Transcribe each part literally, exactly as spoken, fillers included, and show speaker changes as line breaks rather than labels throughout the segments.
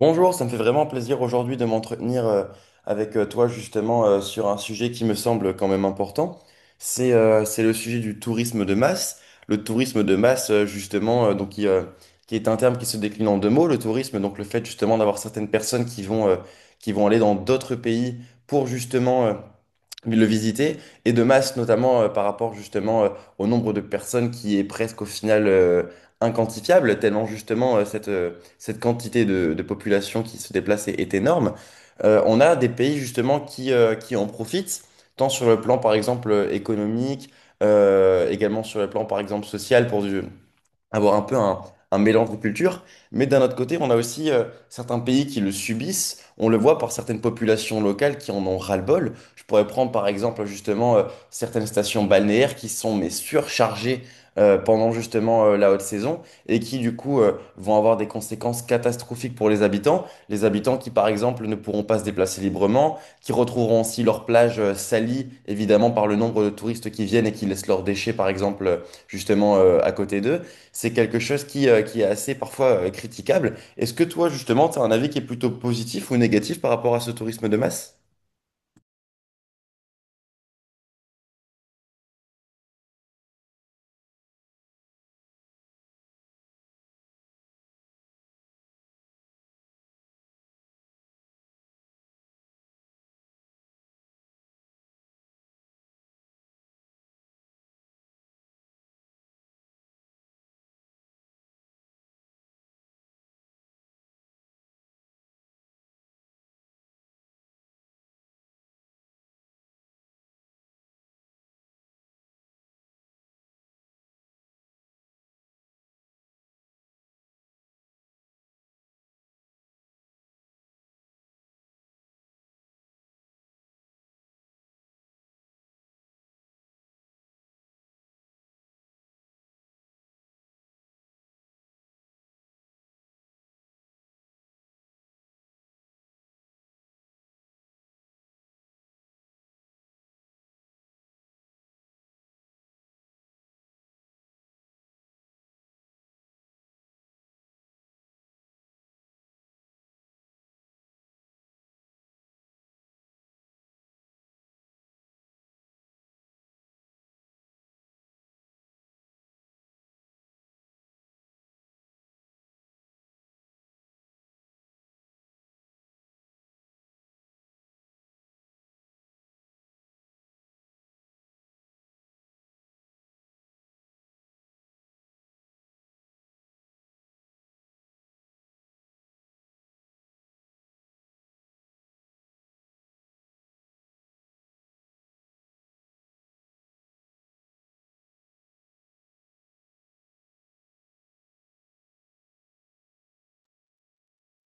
Bonjour, ça me fait vraiment plaisir aujourd'hui de m'entretenir euh, avec euh, toi justement euh, sur un sujet qui me semble quand même important. C'est euh, c'est le sujet du tourisme de masse. Le tourisme de masse euh, justement, euh, donc qui, euh, qui est un terme qui se décline en deux mots, le tourisme, donc le fait justement d'avoir certaines personnes qui vont euh, qui vont aller dans d'autres pays pour justement euh, le visiter, et de masse notamment euh, par rapport justement euh, au nombre de personnes qui est presque au final euh, inquantifiable, tellement justement euh, cette, euh, cette quantité de, de population qui se déplace est, est énorme. Euh, on a des pays justement qui, euh, qui en profitent, tant sur le plan par exemple économique, euh, également sur le plan par exemple social pour du, avoir un peu un, un mélange de cultures. Mais d'un autre côté, on a aussi euh, certains pays qui le subissent. On le voit par certaines populations locales qui en ont ras-le-bol. Je pourrais prendre par exemple justement euh, certaines stations balnéaires qui sont mais surchargées, euh, pendant justement euh, la haute saison, et qui du coup euh, vont avoir des conséquences catastrophiques pour les habitants. Les habitants qui par exemple ne pourront pas se déplacer librement, qui retrouveront aussi leurs plages euh, salies évidemment par le nombre de touristes qui viennent et qui laissent leurs déchets par exemple euh, justement euh, à côté d'eux. C'est quelque chose qui, euh, qui est assez parfois euh, critiquable. Est-ce que toi, justement, tu as un avis qui est plutôt positif ou négatif par rapport à ce tourisme de masse?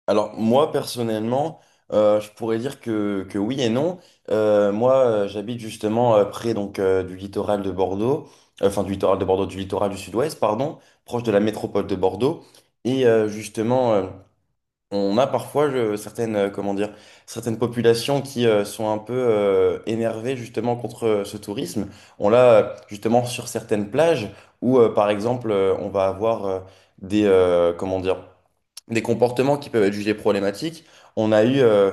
Alors, moi, personnellement, euh, je pourrais dire que, que oui et non. Euh, moi, euh, j'habite justement euh, près donc, euh, du littoral de Bordeaux, euh, enfin du littoral de Bordeaux, du littoral du sud-ouest, pardon, proche de la métropole de Bordeaux. Et euh, justement, euh, on a parfois je- certaines, euh, comment dire, certaines populations qui euh, sont un peu euh, énervées justement contre euh, ce tourisme. On l'a euh, justement sur certaines plages où, euh, par exemple, euh, on va avoir euh, des, euh, comment dire, des comportements qui peuvent être jugés problématiques. On a eu, euh,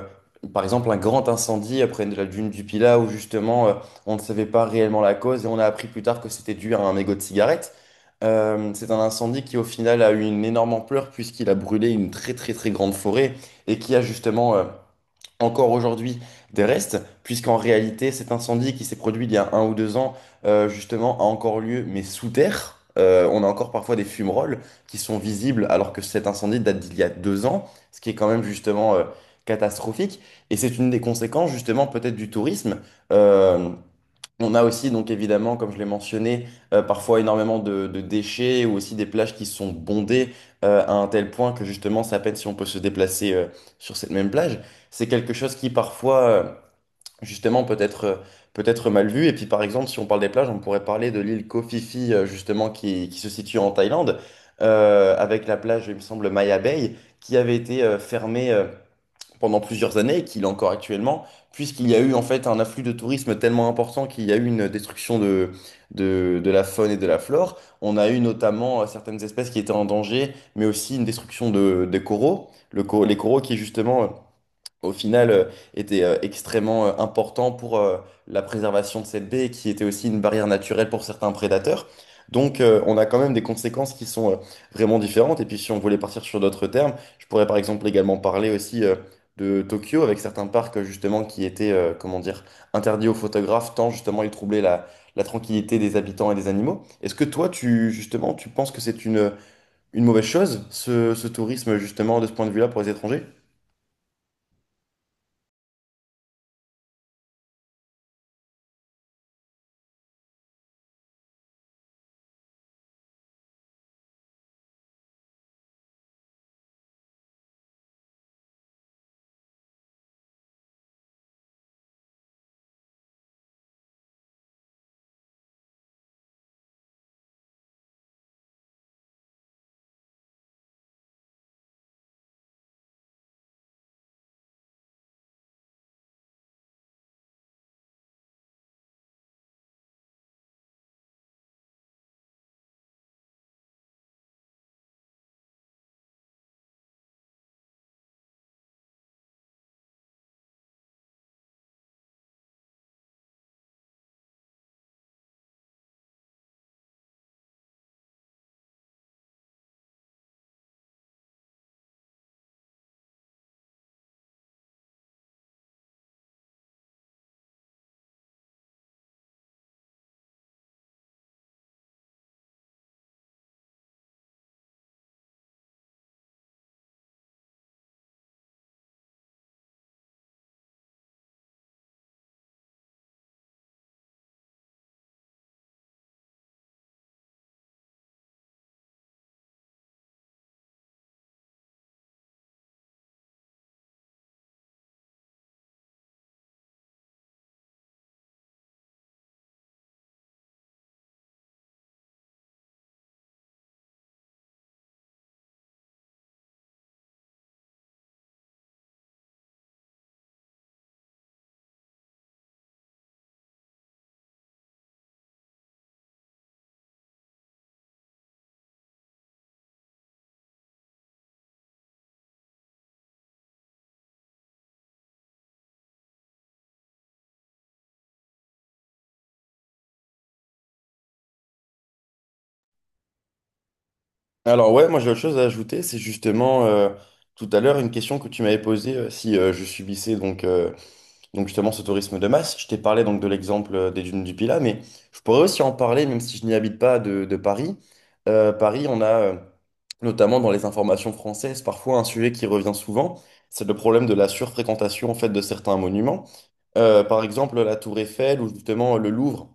par exemple, un grand incendie après la dune du Pilat où justement euh, on ne savait pas réellement la cause, et on a appris plus tard que c'était dû à un mégot de cigarette. Euh, c'est un incendie qui au final a eu une énorme ampleur puisqu'il a brûlé une très très très grande forêt, et qui a justement euh, encore aujourd'hui des restes, puisqu'en réalité, cet incendie qui s'est produit il y a un ou deux ans, euh, justement, a encore lieu, mais sous terre. Euh, on a encore parfois des fumerolles qui sont visibles, alors que cet incendie date d'il y a deux ans, ce qui est quand même justement euh, catastrophique. Et c'est une des conséquences, justement, peut-être du tourisme. Euh, on a aussi, donc évidemment, comme je l'ai mentionné, euh, parfois énormément de, de déchets, ou aussi des plages qui sont bondées euh, à un tel point que justement, c'est à peine si on peut se déplacer euh, sur cette même plage. C'est quelque chose qui parfois, euh, justement, peut être, euh, peut être mal vu. Et puis, par exemple, si on parle des plages, on pourrait parler de l'île Koh Phi Phi, euh, justement, qui, qui se situe en Thaïlande, euh, avec la plage, il me semble, Maya Bay, qui avait été euh, fermée euh, pendant plusieurs années, et qu'il est encore actuellement, puisqu'il y a eu en fait un afflux de tourisme tellement important qu'il y a eu une destruction de, de, de la faune et de la flore. On a eu notamment euh, certaines espèces qui étaient en danger, mais aussi une destruction de, des coraux. Le co- les coraux qui justement euh, au final, euh, était euh, extrêmement euh, important pour euh, la préservation de cette baie, et qui était aussi une barrière naturelle pour certains prédateurs. Donc, euh, on a quand même des conséquences qui sont euh, vraiment différentes. Et puis, si on voulait partir sur d'autres termes, je pourrais par exemple également parler aussi euh, de Tokyo, avec certains parcs euh, justement qui étaient, euh, comment dire, interdits aux photographes tant justement ils troublaient la, la tranquillité des habitants et des animaux. Est-ce que toi, tu justement, tu penses que c'est une, une mauvaise chose, ce, ce tourisme justement de ce point de vue-là pour les étrangers? Alors ouais, moi j'ai autre chose à ajouter, c'est justement euh, tout à l'heure une question que tu m'avais posée euh, si euh, je subissais donc, euh, donc justement ce tourisme de masse. Je t'ai parlé donc de l'exemple euh, des dunes du Pilat, mais je pourrais aussi en parler, même si je n'y habite pas, de, de Paris. Euh, Paris, on a euh, notamment dans les informations françaises parfois un sujet qui revient souvent, c'est le problème de la surfréquentation en fait de certains monuments. Euh, par exemple la Tour Eiffel, ou justement le Louvre,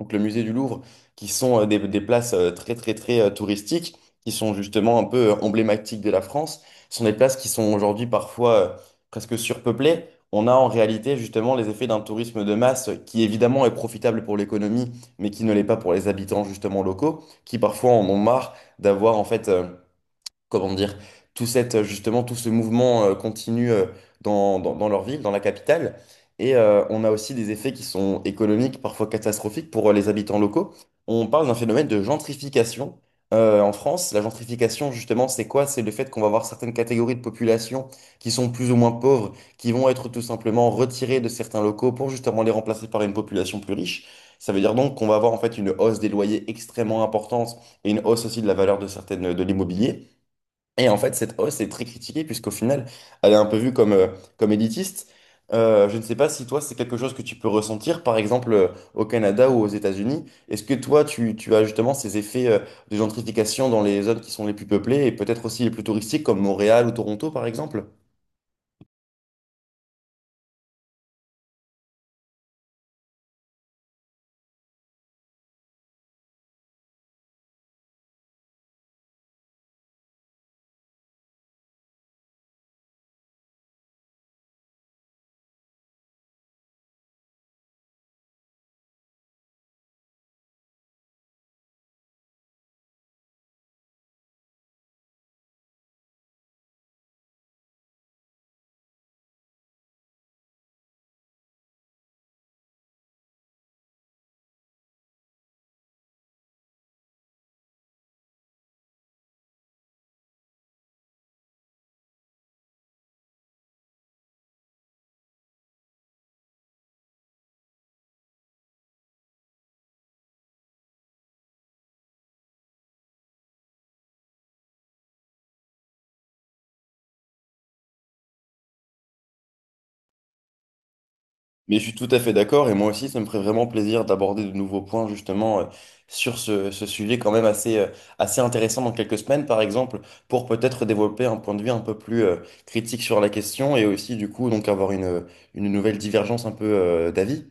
donc le musée du Louvre, qui sont euh, des, des places euh, très très très euh, touristiques, qui sont justement un peu euh, emblématiques de la France, sont des places qui sont aujourd'hui parfois euh, presque surpeuplées. On a en réalité justement les effets d'un tourisme de masse qui évidemment est profitable pour l'économie, mais qui ne l'est pas pour les habitants justement locaux, qui parfois en ont marre d'avoir en fait euh, comment dire, tout cette, euh, justement tout ce mouvement euh, continu euh, dans, dans, dans leur ville, dans la capitale. Et euh, on a aussi des effets qui sont économiques, parfois catastrophiques pour euh, les habitants locaux. On parle d'un phénomène de gentrification. Euh, en France, la gentrification, justement, c'est quoi? C'est le fait qu'on va avoir certaines catégories de population qui sont plus ou moins pauvres, qui vont être tout simplement retirées de certains locaux pour justement les remplacer par une population plus riche. Ça veut dire donc qu'on va avoir en fait une hausse des loyers extrêmement importante, et une hausse aussi de la valeur de certaines de l'immobilier. Et en fait, cette hausse est très critiquée puisqu'au final, elle est un peu vue comme, euh, comme élitiste. Euh, je ne sais pas si toi, c'est quelque chose que tu peux ressentir, par exemple, euh, au Canada ou aux États-Unis. Est-ce que toi, tu, tu as justement ces effets, euh, de gentrification dans les zones qui sont les plus peuplées et peut-être aussi les plus touristiques comme Montréal ou Toronto, par exemple? Mais je suis tout à fait d'accord, et moi aussi, ça me ferait vraiment plaisir d'aborder de nouveaux points justement euh, sur ce, ce sujet quand même assez, euh, assez intéressant dans quelques semaines, par exemple, pour peut-être développer un point de vue un peu plus euh, critique sur la question, et aussi du coup donc avoir une, une nouvelle divergence un peu euh, d'avis.